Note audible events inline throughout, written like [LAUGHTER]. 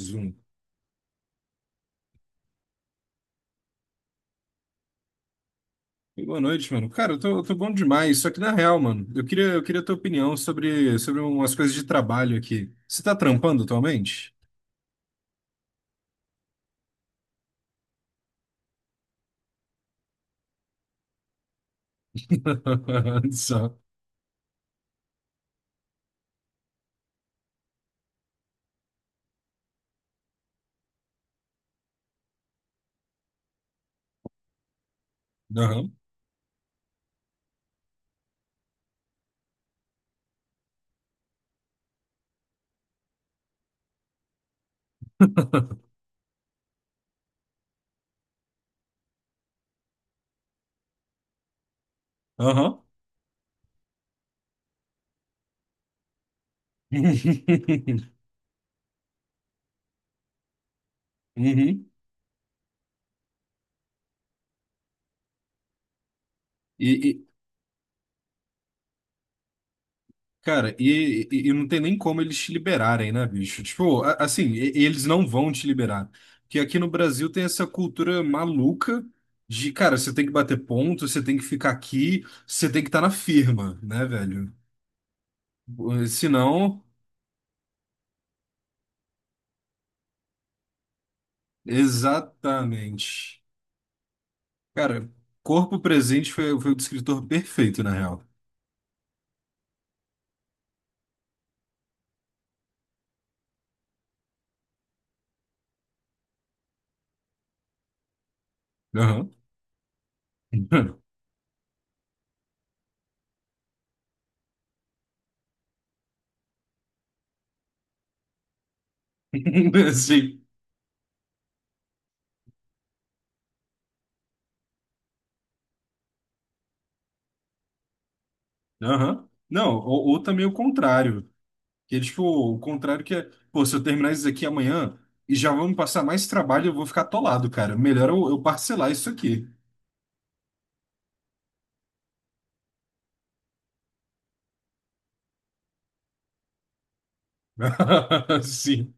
Zoom. Boa noite, mano. Cara, eu tô bom demais. Só que na real, mano, eu queria tua opinião sobre umas coisas de trabalho aqui. Você tá trampando atualmente? [LAUGHS] Só. Aham. Aham. [LAUGHS] Uhum. E, e, cara, e não tem nem como eles te liberarem, né, bicho? Tipo, assim, eles não vão te liberar. Porque aqui no Brasil tem essa cultura maluca de, cara, você tem que bater ponto, você tem que ficar aqui, você tem que estar na firma, né, velho? Se não, exatamente. Cara, corpo presente foi o descritor perfeito, na real. Aham. [LAUGHS] Sim. Aham. Não, ou também o contrário. Que é tipo, o contrário que é, pô, se eu terminar isso aqui amanhã e já vão me passar mais trabalho, eu vou ficar atolado, cara. Melhor eu parcelar isso aqui. [LAUGHS] Sim.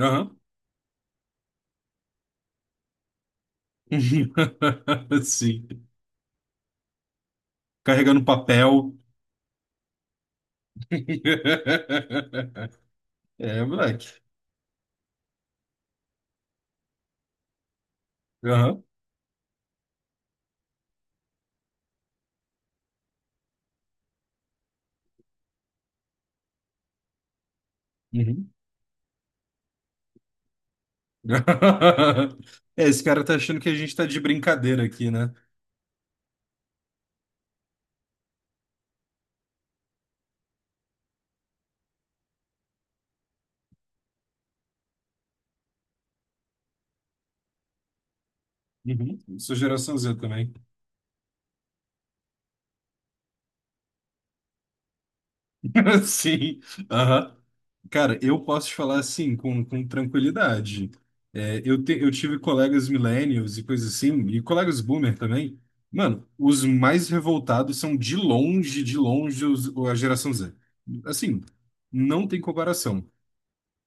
Aham. [LAUGHS] Sim. Carregando papel. [LAUGHS] É, moleque. Uhum. [LAUGHS] É, esse cara tá achando que a gente tá de brincadeira aqui, né? Uhum. Sou geração Z também. [LAUGHS] Sim. Aham. Cara, eu posso te falar assim, com tranquilidade. É, eu tive colegas millennials e coisas assim, e colegas boomer também. Mano, os mais revoltados são de longe os, a geração Z. Assim, não tem comparação.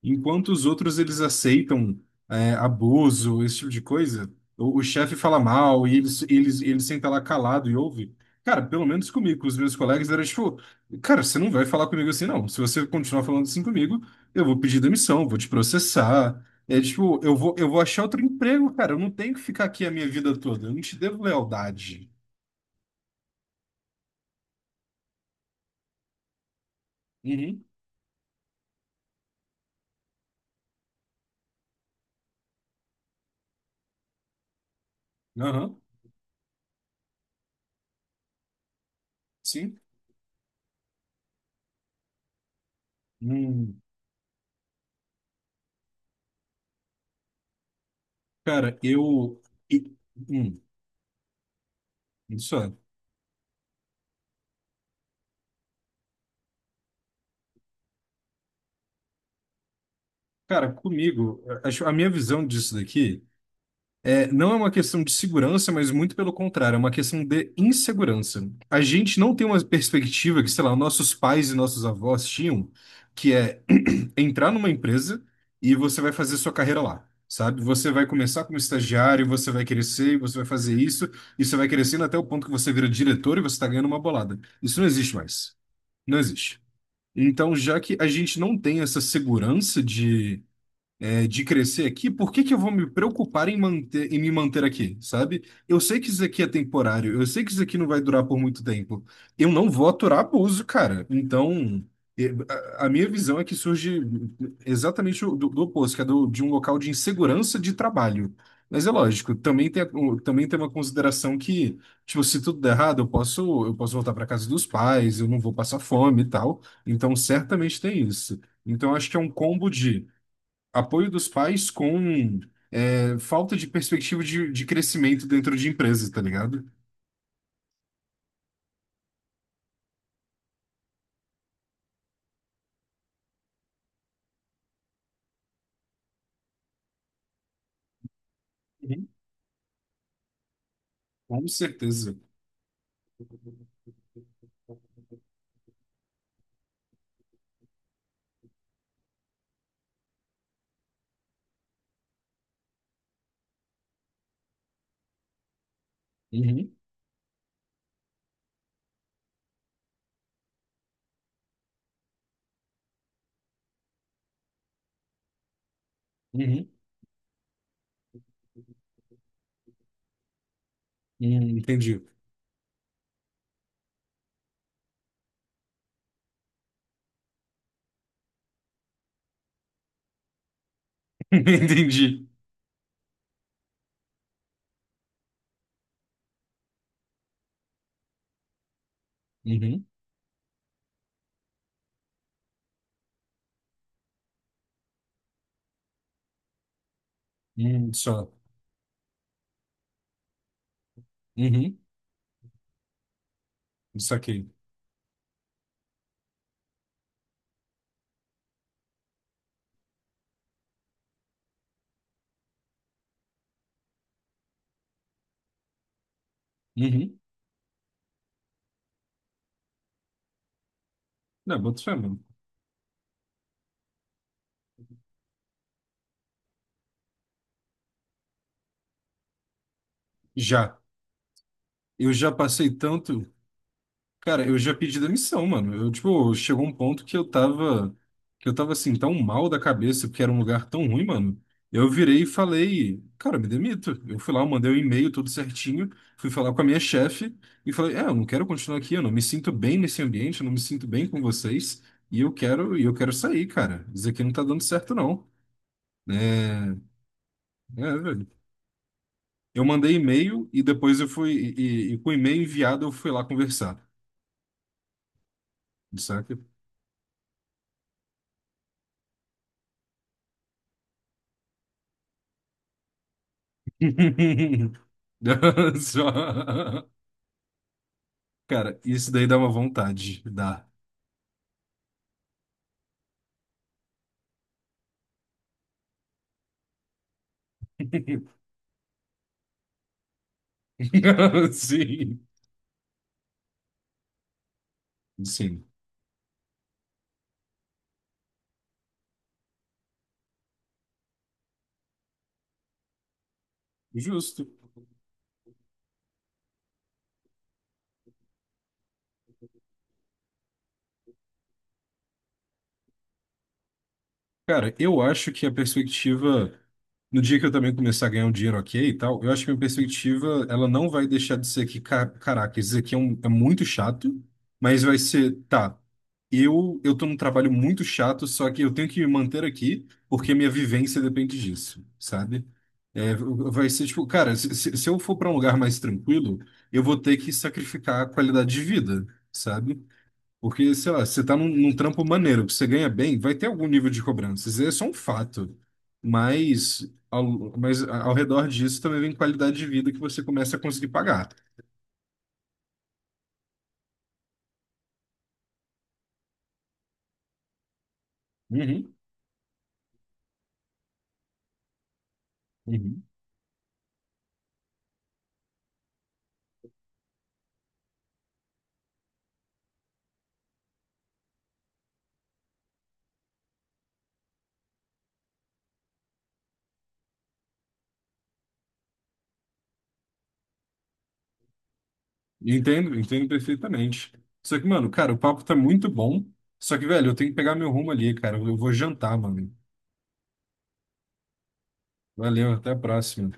Enquanto os outros eles aceitam é, abuso, esse tipo de coisa, o chefe fala mal e ele senta lá calado e ouve. Cara, pelo menos comigo, com os meus colegas era tipo, cara, você não vai falar comigo assim não. Se você continuar falando assim comigo, eu vou pedir demissão, vou te processar. É tipo, eu vou achar outro emprego, cara. Eu não tenho que ficar aqui a minha vida toda. Eu não te devo lealdade. Uhum. Aham. Sim. Hum. Cara, eu e- hum, isso é. Cara, comigo, acho, a minha visão disso daqui é, não é uma questão de segurança, mas muito pelo contrário, é uma questão de insegurança. A gente não tem uma perspectiva que, sei lá, nossos pais e nossos avós tinham, que é entrar numa empresa e você vai fazer sua carreira lá, sabe? Você vai começar como estagiário, você vai crescer, você vai fazer isso, e você vai crescendo até o ponto que você vira diretor e você está ganhando uma bolada. Isso não existe mais. Não existe. Então, já que a gente não tem essa segurança de é, de crescer aqui, por que que eu vou me preocupar em manter, em me manter aqui, sabe? Eu sei que isso aqui é temporário, eu sei que isso aqui não vai durar por muito tempo. Eu não vou aturar abuso, cara. Então, e- a minha visão é que surge exatamente do, do oposto, que é do, de um local de insegurança de trabalho. Mas é lógico, também tem, também tem uma consideração que, tipo, se tudo der errado, eu posso voltar para casa dos pais, eu não vou passar fome e tal. Então, certamente tem isso. Então, acho que é um combo de apoio dos pais com é, falta de perspectiva de crescimento dentro de empresas, tá ligado? Uhum. Com certeza. Uhum, uhum, uhum, entendi. [LAUGHS] Entendi. Uhum, uhum, só. Uhum, saquei. Uhum. Não, boto fé, mano. Já. Eu já passei tanto. Cara, eu já pedi demissão, mano. Eu, tipo, chegou um ponto que eu tava assim, tão mal da cabeça, porque era um lugar tão ruim, mano. Eu virei e falei, cara, me demito. Eu fui lá, eu mandei um e-mail tudo certinho, fui falar com a minha chefe e falei, é, eu não quero continuar aqui, eu não me sinto bem nesse ambiente, eu não me sinto bem com vocês, e eu quero sair, cara. Isso aqui não tá dando certo, não. É, velho. Eu mandei e-mail e depois e com o e-mail enviado eu fui lá conversar, saca? [LAUGHS] Só- Cara, isso daí dá uma vontade. Dá. [LAUGHS] Sim, sim. Justo. Cara, eu acho que a perspectiva, no dia que eu também começar a ganhar um dinheiro ok e tal, eu acho que a minha perspectiva, ela não vai deixar de ser que, caraca, isso aqui é, é muito chato, mas vai ser, tá, eu tô num trabalho muito chato, só que eu tenho que me manter aqui, porque minha vivência depende disso, sabe? É, vai ser tipo, cara, se eu for para um lugar mais tranquilo, eu vou ter que sacrificar a qualidade de vida, sabe? Porque, sei lá, você tá num trampo maneiro, que você ganha bem, vai ter algum nível de cobrança. Isso é só um fato. Mas ao redor disso também vem qualidade de vida que você começa a conseguir pagar. Uhum, uhum. Entendo, entendo perfeitamente. Só que, mano, cara, o papo tá muito bom. Só que, velho, eu tenho que pegar meu rumo ali, cara. Eu vou jantar, mano. Valeu, até a próxima.